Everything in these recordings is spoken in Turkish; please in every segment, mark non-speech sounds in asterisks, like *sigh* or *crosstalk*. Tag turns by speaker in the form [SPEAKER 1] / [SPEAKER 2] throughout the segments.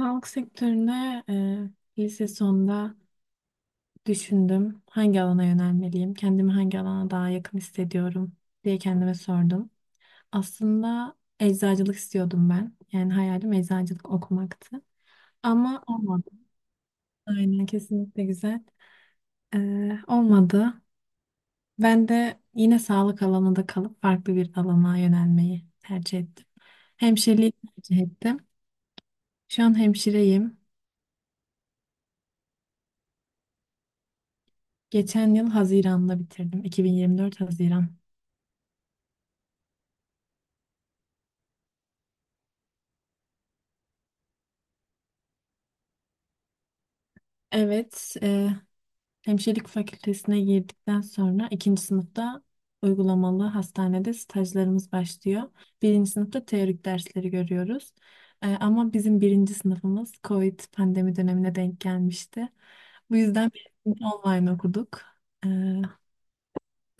[SPEAKER 1] Sağlık sektörüne lise sonunda düşündüm. Hangi alana yönelmeliyim? Kendimi hangi alana daha yakın hissediyorum diye kendime sordum. Aslında eczacılık istiyordum ben. Yani hayalim eczacılık okumaktı. Ama olmadı. Aynen kesinlikle güzel. Olmadı. Ben de yine sağlık alanında kalıp farklı bir alana yönelmeyi tercih ettim. Hemşireliği tercih ettim. Şu an hemşireyim. Geçen yıl Haziran'da bitirdim. 2024 Haziran. Evet, hemşirelik fakültesine girdikten sonra ikinci sınıfta uygulamalı hastanede stajlarımız başlıyor. Birinci sınıfta teorik dersleri görüyoruz. Ama bizim birinci sınıfımız COVID pandemi dönemine denk gelmişti. Bu yüzden biz online okuduk. E,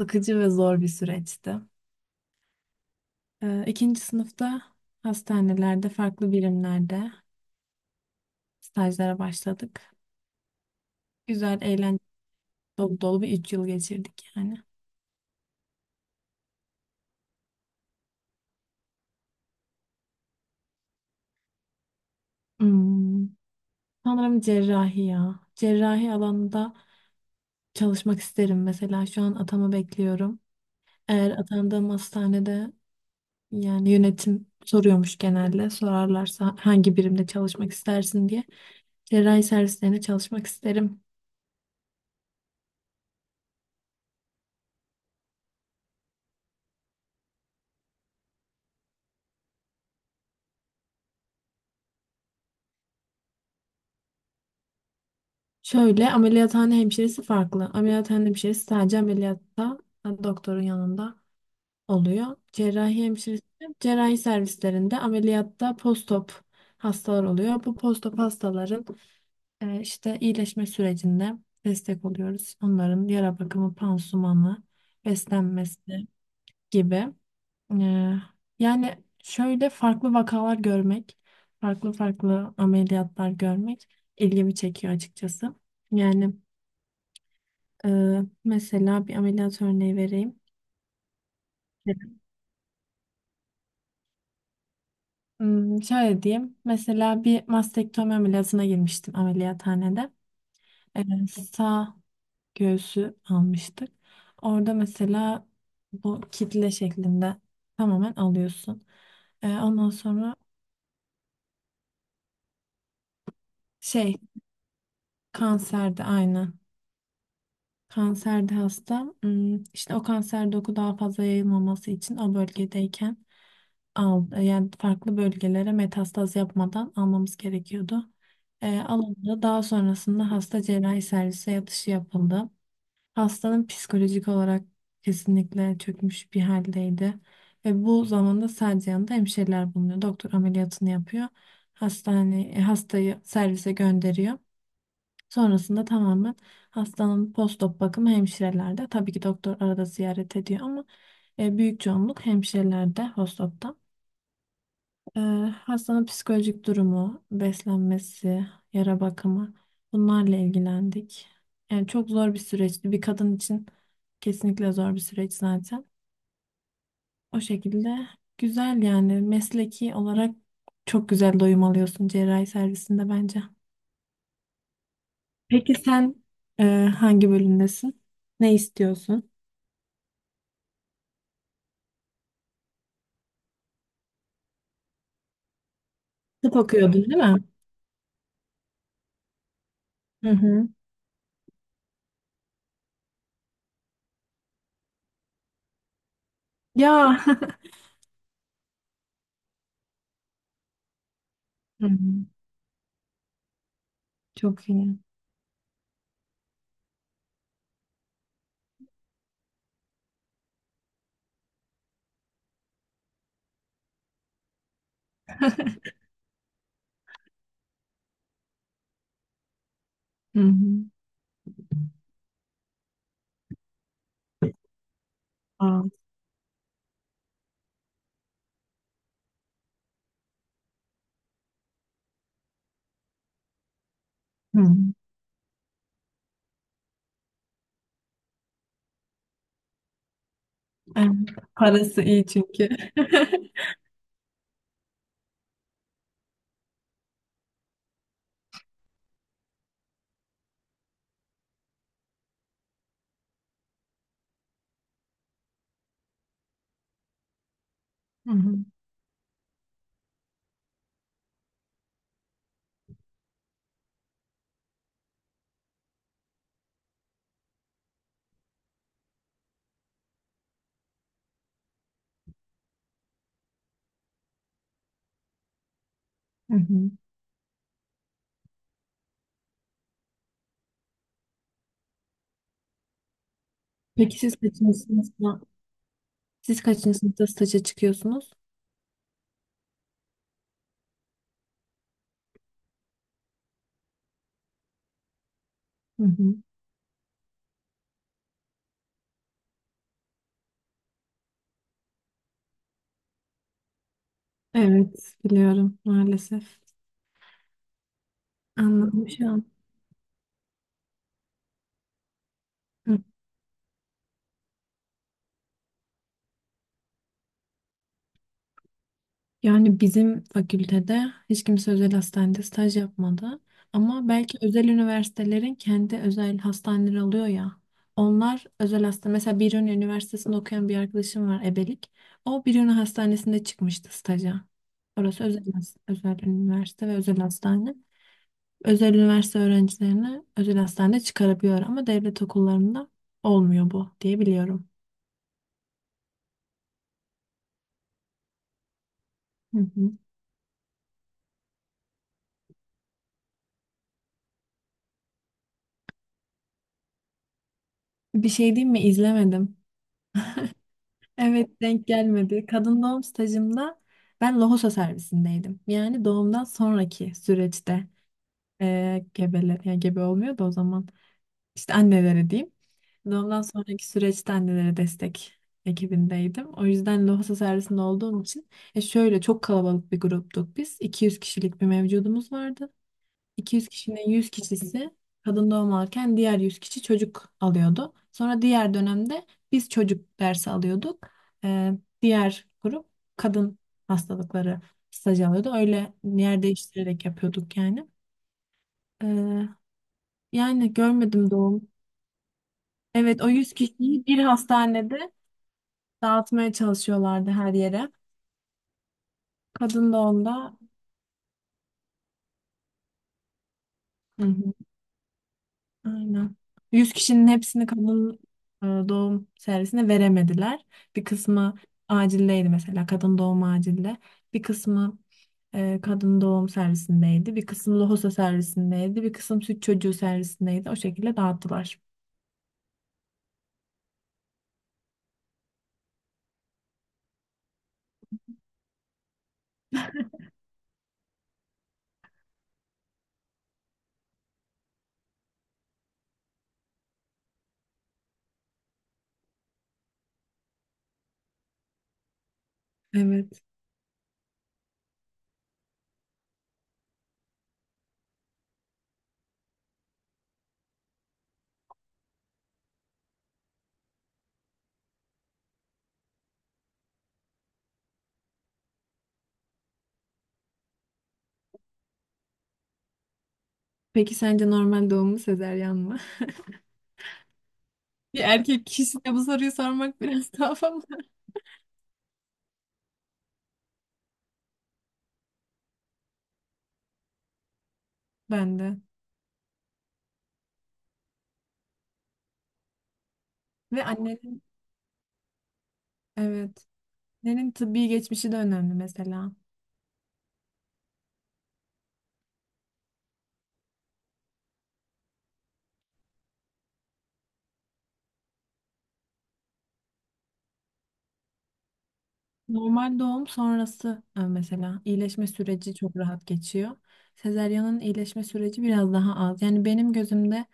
[SPEAKER 1] Sıkıcı ve zor bir süreçti. İkinci sınıfta hastanelerde, farklı birimlerde stajlara başladık. Güzel, eğlenceli, dolu dolu bir 3 yıl geçirdik yani. Hmm. Sanırım cerrahi ya. Cerrahi alanında çalışmak isterim mesela. Şu an atama bekliyorum. Eğer atandığım hastanede yani yönetim soruyormuş genelde. Sorarlarsa hangi birimde çalışmak istersin diye. Cerrahi servislerine çalışmak isterim. Şöyle ameliyathane hemşiresi farklı. Ameliyathane hemşiresi sadece ameliyatta doktorun yanında oluyor. Cerrahi hemşiresi, cerrahi servislerinde ameliyatta postop hastalar oluyor. Bu postop hastaların işte iyileşme sürecinde destek oluyoruz. Onların yara bakımı, pansumanı, beslenmesi gibi. E, Yani şöyle farklı vakalar görmek, farklı farklı ameliyatlar görmek ilgimi çekiyor açıkçası. Yani mesela bir ameliyat örneği vereyim. Şöyle diyeyim. Mesela bir mastektomi ameliyatına girmiştim ameliyathanede. Ee, Sağ göğsü almıştık. Orada mesela bu kitle şeklinde tamamen alıyorsun. Ondan sonra şey kanserde aynı. Kanserde hasta. İşte o kanser doku daha fazla yayılmaması için o bölgedeyken yani farklı bölgelere metastaz yapmadan almamız gerekiyordu. Alındı. Daha sonrasında hasta cerrahi servise yatışı yapıldı. Hastanın psikolojik olarak kesinlikle çökmüş bir haldeydi. Ve bu zamanda sadece yanında hemşireler bulunuyor. Doktor ameliyatını yapıyor. Hastayı servise gönderiyor. Sonrasında tamamen hastanın postop bakımı hemşirelerde. Tabii ki doktor arada ziyaret ediyor ama büyük çoğunluk hemşirelerde postopta. E, Hastanın psikolojik durumu, beslenmesi, yara bakımı bunlarla ilgilendik. Yani çok zor bir süreçti. Bir kadın için kesinlikle zor bir süreç zaten. O şekilde güzel yani mesleki olarak çok güzel doyum alıyorsun cerrahi servisinde bence. Peki sen hangi bölümdesin? Ne istiyorsun? Tıp okuyordun değil mi? Hı hı. Ya. *laughs* Hı hı. Çok iyi. Hı hı. Aa, hı hı. Evet. Parası iyi çünkü. *laughs* Hı hı. Hı hı. Peki siz kaçıncı sınıfta, siz kaçıncı sınıfta staja çıkıyorsunuz? Hı hı. Evet, biliyorum maalesef. Anladım şu an. Yani bizim fakültede hiç kimse özel hastanede staj yapmadı. Ama belki özel üniversitelerin kendi özel hastaneleri oluyor ya. Onlar özel hasta. Mesela Biruni Üniversitesi'nde okuyan bir arkadaşım var ebelik. O Biruni Hastanesi'nde çıkmıştı staja. Orası özel, has- özel üniversite ve özel hastane. Özel üniversite öğrencilerini özel hastane çıkarabiliyor ama devlet okullarında olmuyor bu diye biliyorum. Hı hı. Bir şey diyeyim mi? İzlemedim. Evet denk gelmedi. Kadın doğum stajımda ben lohusa servisindeydim. Yani doğumdan sonraki süreçte gebeler yani gebe olmuyor da o zaman işte annelere diyeyim. Doğumdan sonraki süreçte annelere destek ekibindeydim. O yüzden lohusa servisinde olduğum için şöyle çok kalabalık bir gruptuk biz. 200 kişilik bir mevcudumuz vardı. 200 kişinin 100 kişisi kadın doğum alırken diğer 100 kişi çocuk alıyordu. Sonra diğer dönemde biz çocuk dersi alıyorduk. Ee, Diğer grup kadın hastalıkları stajı alıyordu. Öyle yer değiştirerek yapıyorduk yani. Ee, Yani görmedim doğum. Evet o 100 kişiyi bir hastanede dağıtmaya çalışıyorlardı her yere. Kadın doğumda hı hı. Aynen. 100 kişinin hepsini kadın doğum servisine veremediler. Bir kısmı acildeydi mesela kadın doğum acilde. Bir kısmı kadın doğum servisindeydi. Bir kısmı lohusa servisindeydi. Bir kısım süt çocuğu servisindeydi. O şekilde dağıttılar. Evet. Peki sence normal doğum mu sezeryan mı? *laughs* Bir erkek kişisine bu soruyu sormak biraz *laughs* daha fazla. Ben de. Ve annenin evet. Annenin tıbbi geçmişi de önemli mesela. Normal doğum sonrası mesela iyileşme süreci çok rahat geçiyor. Sezaryanın iyileşme süreci biraz daha az. Yani benim gözümde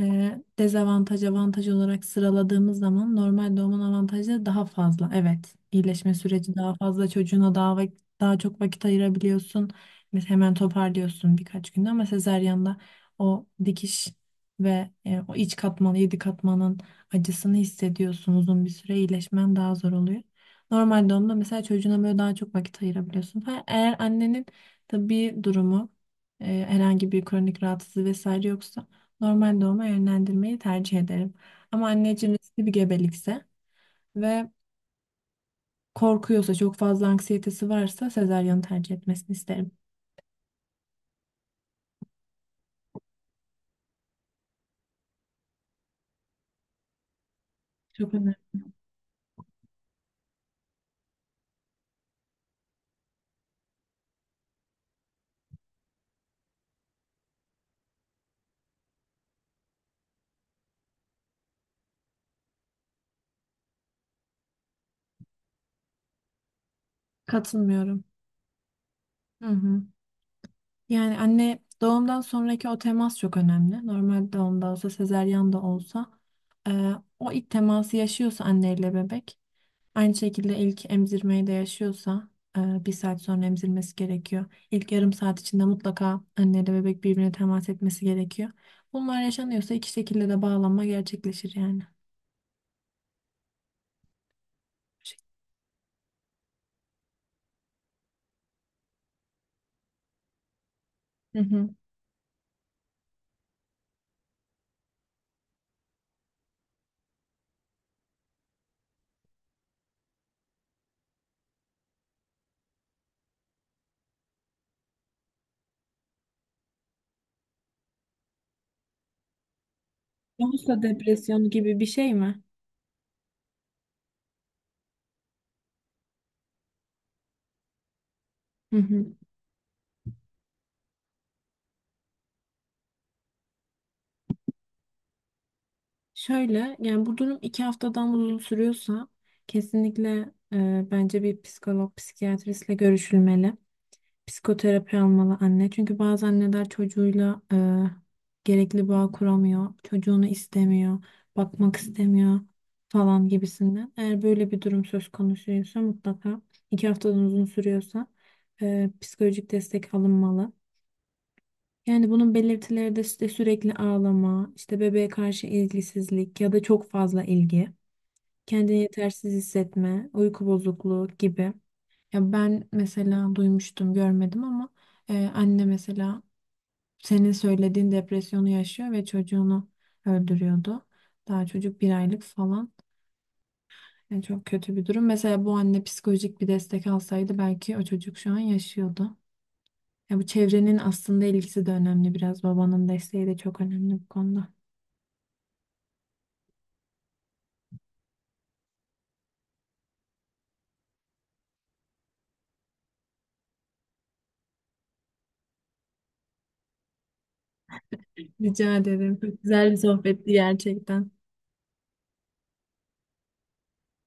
[SPEAKER 1] dezavantaj avantaj olarak sıraladığımız zaman normal doğumun avantajları daha fazla. Evet, iyileşme süreci daha fazla çocuğuna daha daha çok vakit ayırabiliyorsun. Mesela hemen toparlıyorsun birkaç günde ama sezaryanda o dikiş ve o iç katmanı, yedi katmanın acısını hissediyorsun. Uzun bir süre iyileşmen daha zor oluyor. Normal doğumda mesela çocuğuna böyle daha çok vakit ayırabiliyorsun. Ha, eğer annenin tabii durumu herhangi bir kronik rahatsızlığı vesaire yoksa normal doğuma yönlendirmeyi tercih ederim. Ama anneciğim riskli bir gebelikse ve korkuyorsa, çok fazla anksiyetesi varsa sezaryonu tercih etmesini isterim. Çok önemli. Katılmıyorum. Hı hı. Yani anne doğumdan sonraki o temas çok önemli. Normal doğumda olsa, sezaryen de olsa e, o ilk teması yaşıyorsa anneyle bebek aynı şekilde ilk emzirmeyi de yaşıyorsa bir saat sonra emzirmesi gerekiyor. İlk yarım saat içinde mutlaka anne ile bebek birbirine temas etmesi gerekiyor. Bunlar yaşanıyorsa iki şekilde de bağlanma gerçekleşir yani. Hı hı. Yoksa depresyon gibi bir şey mi? Hı hı. Şöyle yani bu durum 2 haftadan uzun sürüyorsa kesinlikle bence bir psikolog, psikiyatristle görüşülmeli. Psikoterapi almalı anne. Çünkü bazı anneler çocuğuyla gerekli bağ kuramıyor. Çocuğunu istemiyor, bakmak istemiyor falan gibisinden. Eğer böyle bir durum söz konusuysa mutlaka 2 haftadan uzun sürüyorsa psikolojik destek alınmalı. Yani bunun belirtileri de işte sürekli ağlama, işte bebeğe karşı ilgisizlik ya da çok fazla ilgi kendini yetersiz hissetme, uyku bozukluğu gibi. Ya ben mesela duymuştum, görmedim ama anne mesela senin söylediğin depresyonu yaşıyor ve çocuğunu öldürüyordu. Daha çocuk bir aylık falan. Yani çok kötü bir durum. Mesela bu anne psikolojik bir destek alsaydı belki o çocuk şu an yaşıyordu. Ya bu çevrenin aslında ilgisi de önemli biraz. Babanın desteği de çok önemli bu konuda. Rica ederim. Çok güzel bir sohbetti gerçekten.